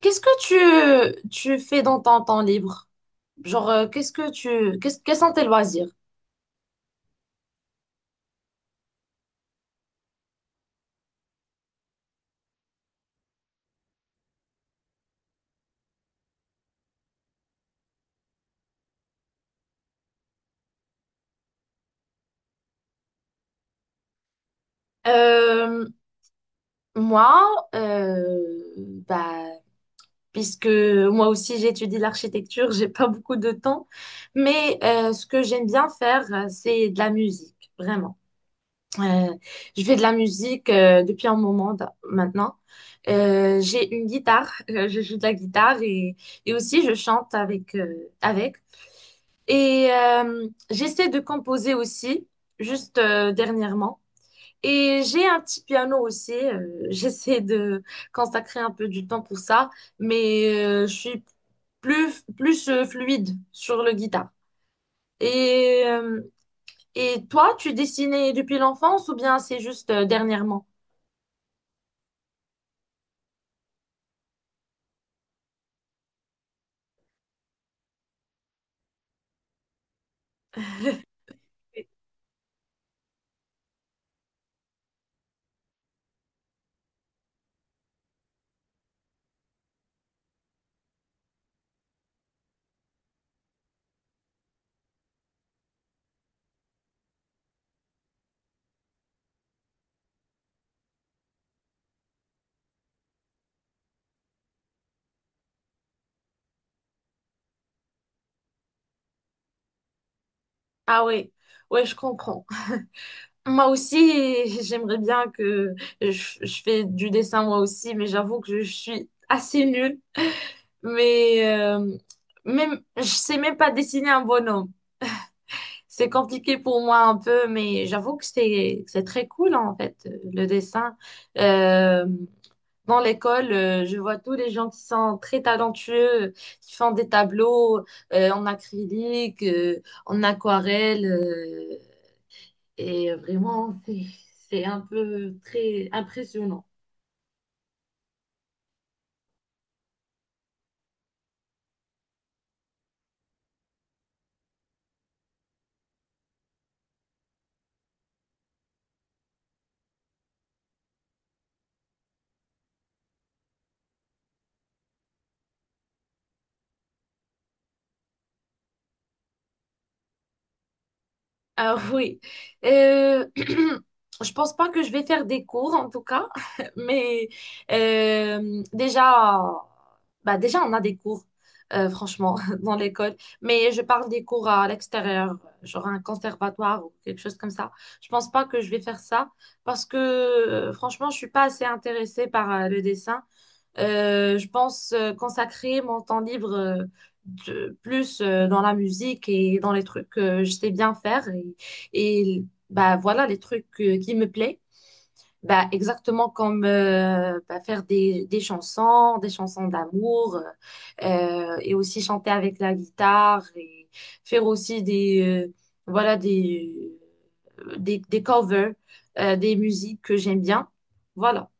Qu'est-ce que tu fais dans ton temps libre? Genre, qu'est-ce que tu, qu'est-ce, quels sont tes loisirs? Euh, moi, euh, bah, Puisque moi aussi j'étudie l'architecture, j'ai pas beaucoup de temps, mais ce que j'aime bien faire, c'est de la musique, vraiment. Euh, je fais de la musique depuis un moment maintenant. J'ai une guitare, je joue de la guitare et aussi je chante avec, avec. Et j'essaie de composer aussi, juste dernièrement. Et j'ai un petit piano aussi. J'essaie de consacrer un peu du temps pour ça, mais je suis plus fluide sur le guitare. Et, euh, et toi, tu dessinais depuis l'enfance ou bien c'est juste dernièrement? Ah oui, ouais, je comprends. Moi aussi, j'aimerais bien que je, je fais du dessin moi aussi, mais j'avoue que je suis assez nulle. Mais même, je sais même pas dessiner un bonhomme. C'est compliqué pour moi un peu, mais j'avoue que c'est très cool en fait le dessin. Euh, dans l'école, je vois tous les gens qui sont très talentueux, qui font des tableaux en acrylique, en aquarelle, et vraiment c'est un peu très impressionnant. Ah oui. Euh, je pense pas que je vais faire des cours en tout cas, mais déjà, déjà on a des cours, franchement, dans l'école. Mais je parle des cours à l'extérieur, genre un conservatoire ou quelque chose comme ça. Je pense pas que je vais faire ça parce que franchement, je suis pas assez intéressée par le dessin. Je pense consacrer mon temps libre plus dans la musique et dans les trucs que je sais bien faire et, bah voilà les trucs qui me plaisent, bah exactement comme faire des chansons d'amour, et aussi chanter avec la guitare et faire aussi des euh, voilà des des covers des musiques que j'aime bien. Voilà.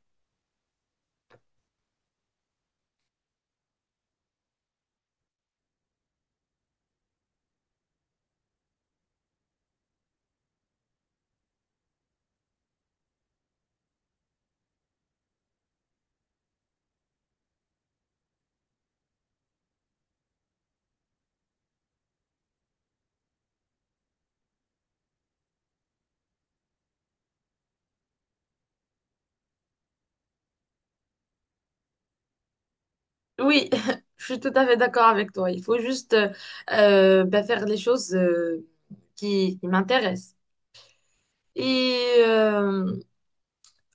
Oui, je suis tout à fait d'accord avec toi. Il faut juste faire les choses qui m'intéressent. Et euh,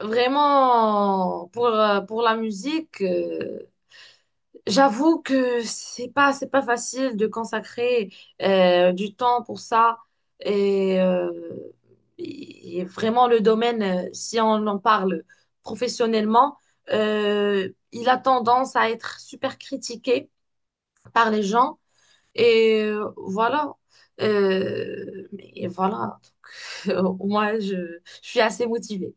vraiment, pour la musique, j'avoue que c'est pas facile de consacrer du temps pour ça. Et, euh, et vraiment, le domaine, si on en parle professionnellement, il a tendance à être super critiqué par les gens. Voilà. Mais voilà. Donc, moi, je suis assez motivée.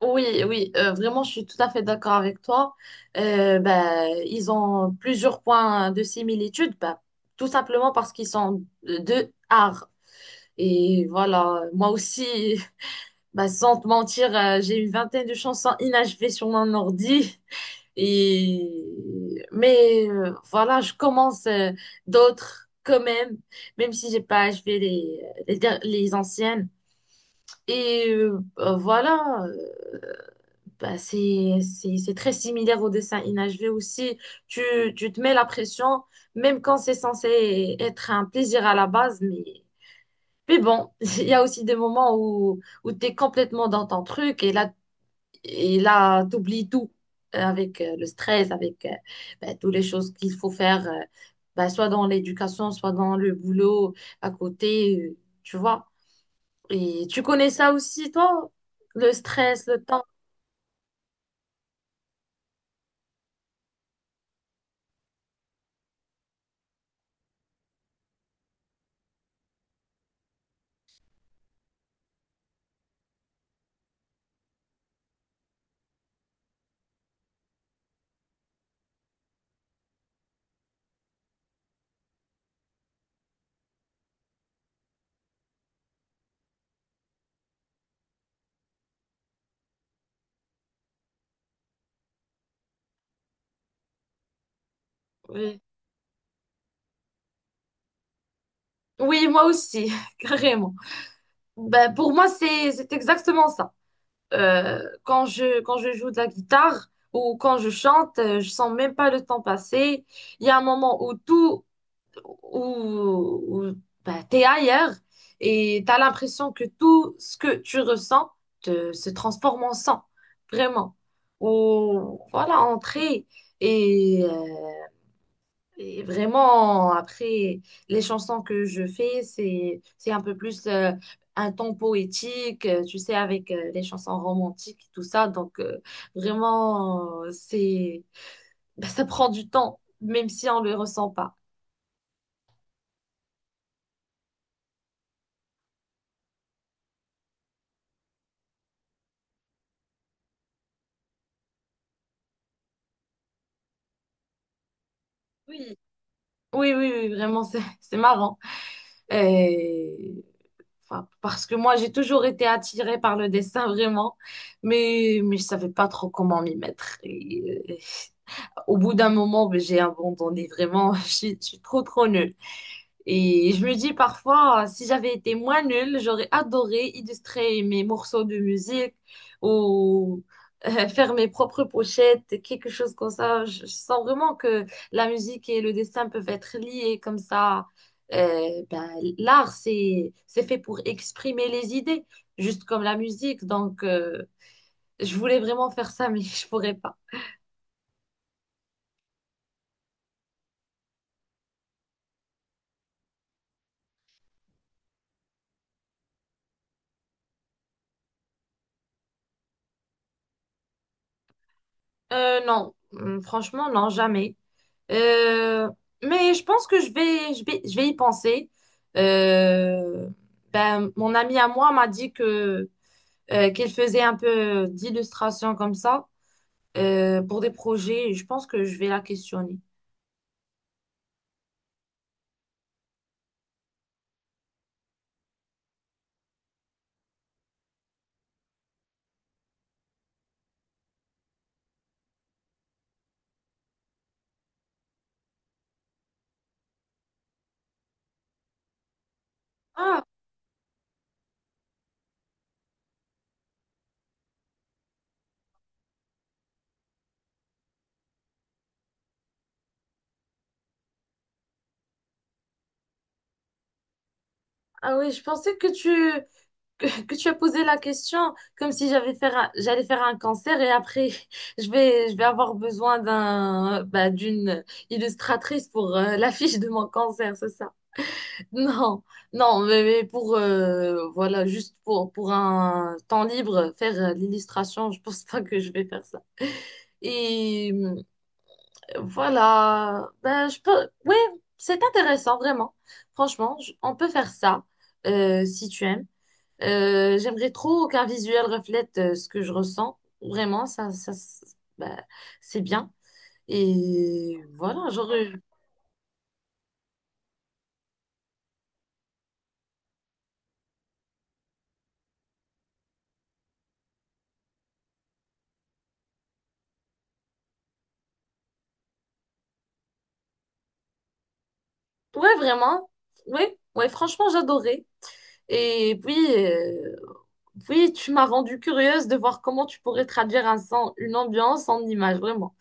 Oui, oui, vraiment, je suis tout à fait d'accord avec toi. Ben, ils ont plusieurs points de similitude, ben, tout simplement parce qu'ils sont deux arts. Et voilà, moi aussi, ben, sans te mentir, j'ai une vingtaine de chansons inachevées sur mon ordi. Et... Mais voilà, je commence d'autres quand même, même si j'ai pas achevé les anciennes. Et euh, euh, voilà, euh, c'est très similaire au dessin inachevé aussi. Tu, Tu te mets la pression, même quand c'est censé être un plaisir à la base, mais bon, il y a aussi des moments où tu es complètement dans ton truc et là, tu oublies tout avec le stress, avec ben, toutes les choses qu'il faut faire, ben, soit dans l'éducation, soit dans le boulot à côté, tu vois. Et tu connais ça aussi, toi? Le stress, le temps. Oui. Oui, moi aussi, carrément. Ben, pour moi, c'est exactement ça. Quand je joue de la guitare ou quand je chante, je sens même pas le temps passer. Il y a un moment où où bah, tu es ailleurs et tu as l'impression que tout ce que tu ressens se transforme en sang, vraiment. Ou voilà, entrer. Et, euh, et vraiment, après, les chansons que je fais, c'est un peu plus un ton poétique, tu sais, avec les chansons romantiques et tout ça. Donc, vraiment, bah, ça prend du temps, même si on ne le ressent pas. Oui. Oui, vraiment, c'est c'est marrant. Et, enfin, parce que moi, j'ai toujours été attirée par le dessin, vraiment, mais je savais pas trop comment m'y mettre. Et, euh, au bout d'un moment, mais j'ai abandonné, vraiment, je suis trop nulle. Et je me dis parfois, si j'avais été moins nulle, j'aurais adoré illustrer mes morceaux de musique ou faire mes propres pochettes, quelque chose comme ça. Je sens vraiment que la musique et le dessin peuvent être liés comme ça. Euh, ben, l'art, c'est fait pour exprimer les idées, juste comme la musique. Donc, je voulais vraiment faire ça, mais je pourrais pas. Non, franchement, non, jamais. Euh, mais je pense que je vais y penser. Euh, ben, mon ami à moi m'a dit que qu'il faisait un peu d'illustration comme ça pour des projets. Je pense que je vais la questionner. Ah, ah oui, je pensais que tu as posé la question comme si j'allais faire un cancer et après je vais avoir besoin d'une illustratrice pour l'affiche de mon cancer, c'est ça. Non, non, mais pour voilà, juste pour un temps libre, faire l'illustration, je pense pas que je vais faire ça. Et voilà, ben je peux, ouais, c'est intéressant vraiment. Franchement, on peut faire ça si tu aimes. J'aimerais trop qu'un visuel reflète ce que je ressens. Vraiment, ben, c'est bien. Et voilà, j'aurais, ouais, vraiment, ouais, ouais, franchement, j'adorais. Et puis. euh, Oui, tu m'as rendu curieuse de voir comment tu pourrais traduire une ambiance en image, vraiment.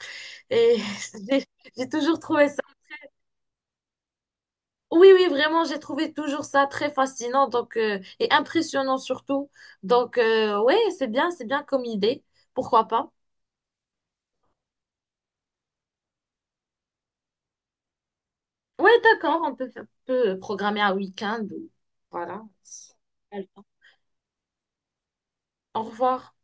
Et j'ai j'ai toujours trouvé ça. Oui, oui, vraiment, j'ai trouvé toujours ça très fascinant donc, et impressionnant surtout. Donc, ouais, c'est bien comme idée. Pourquoi pas? Ouais, d'accord, on peut, peut programmer un week-end. Voilà. Au revoir.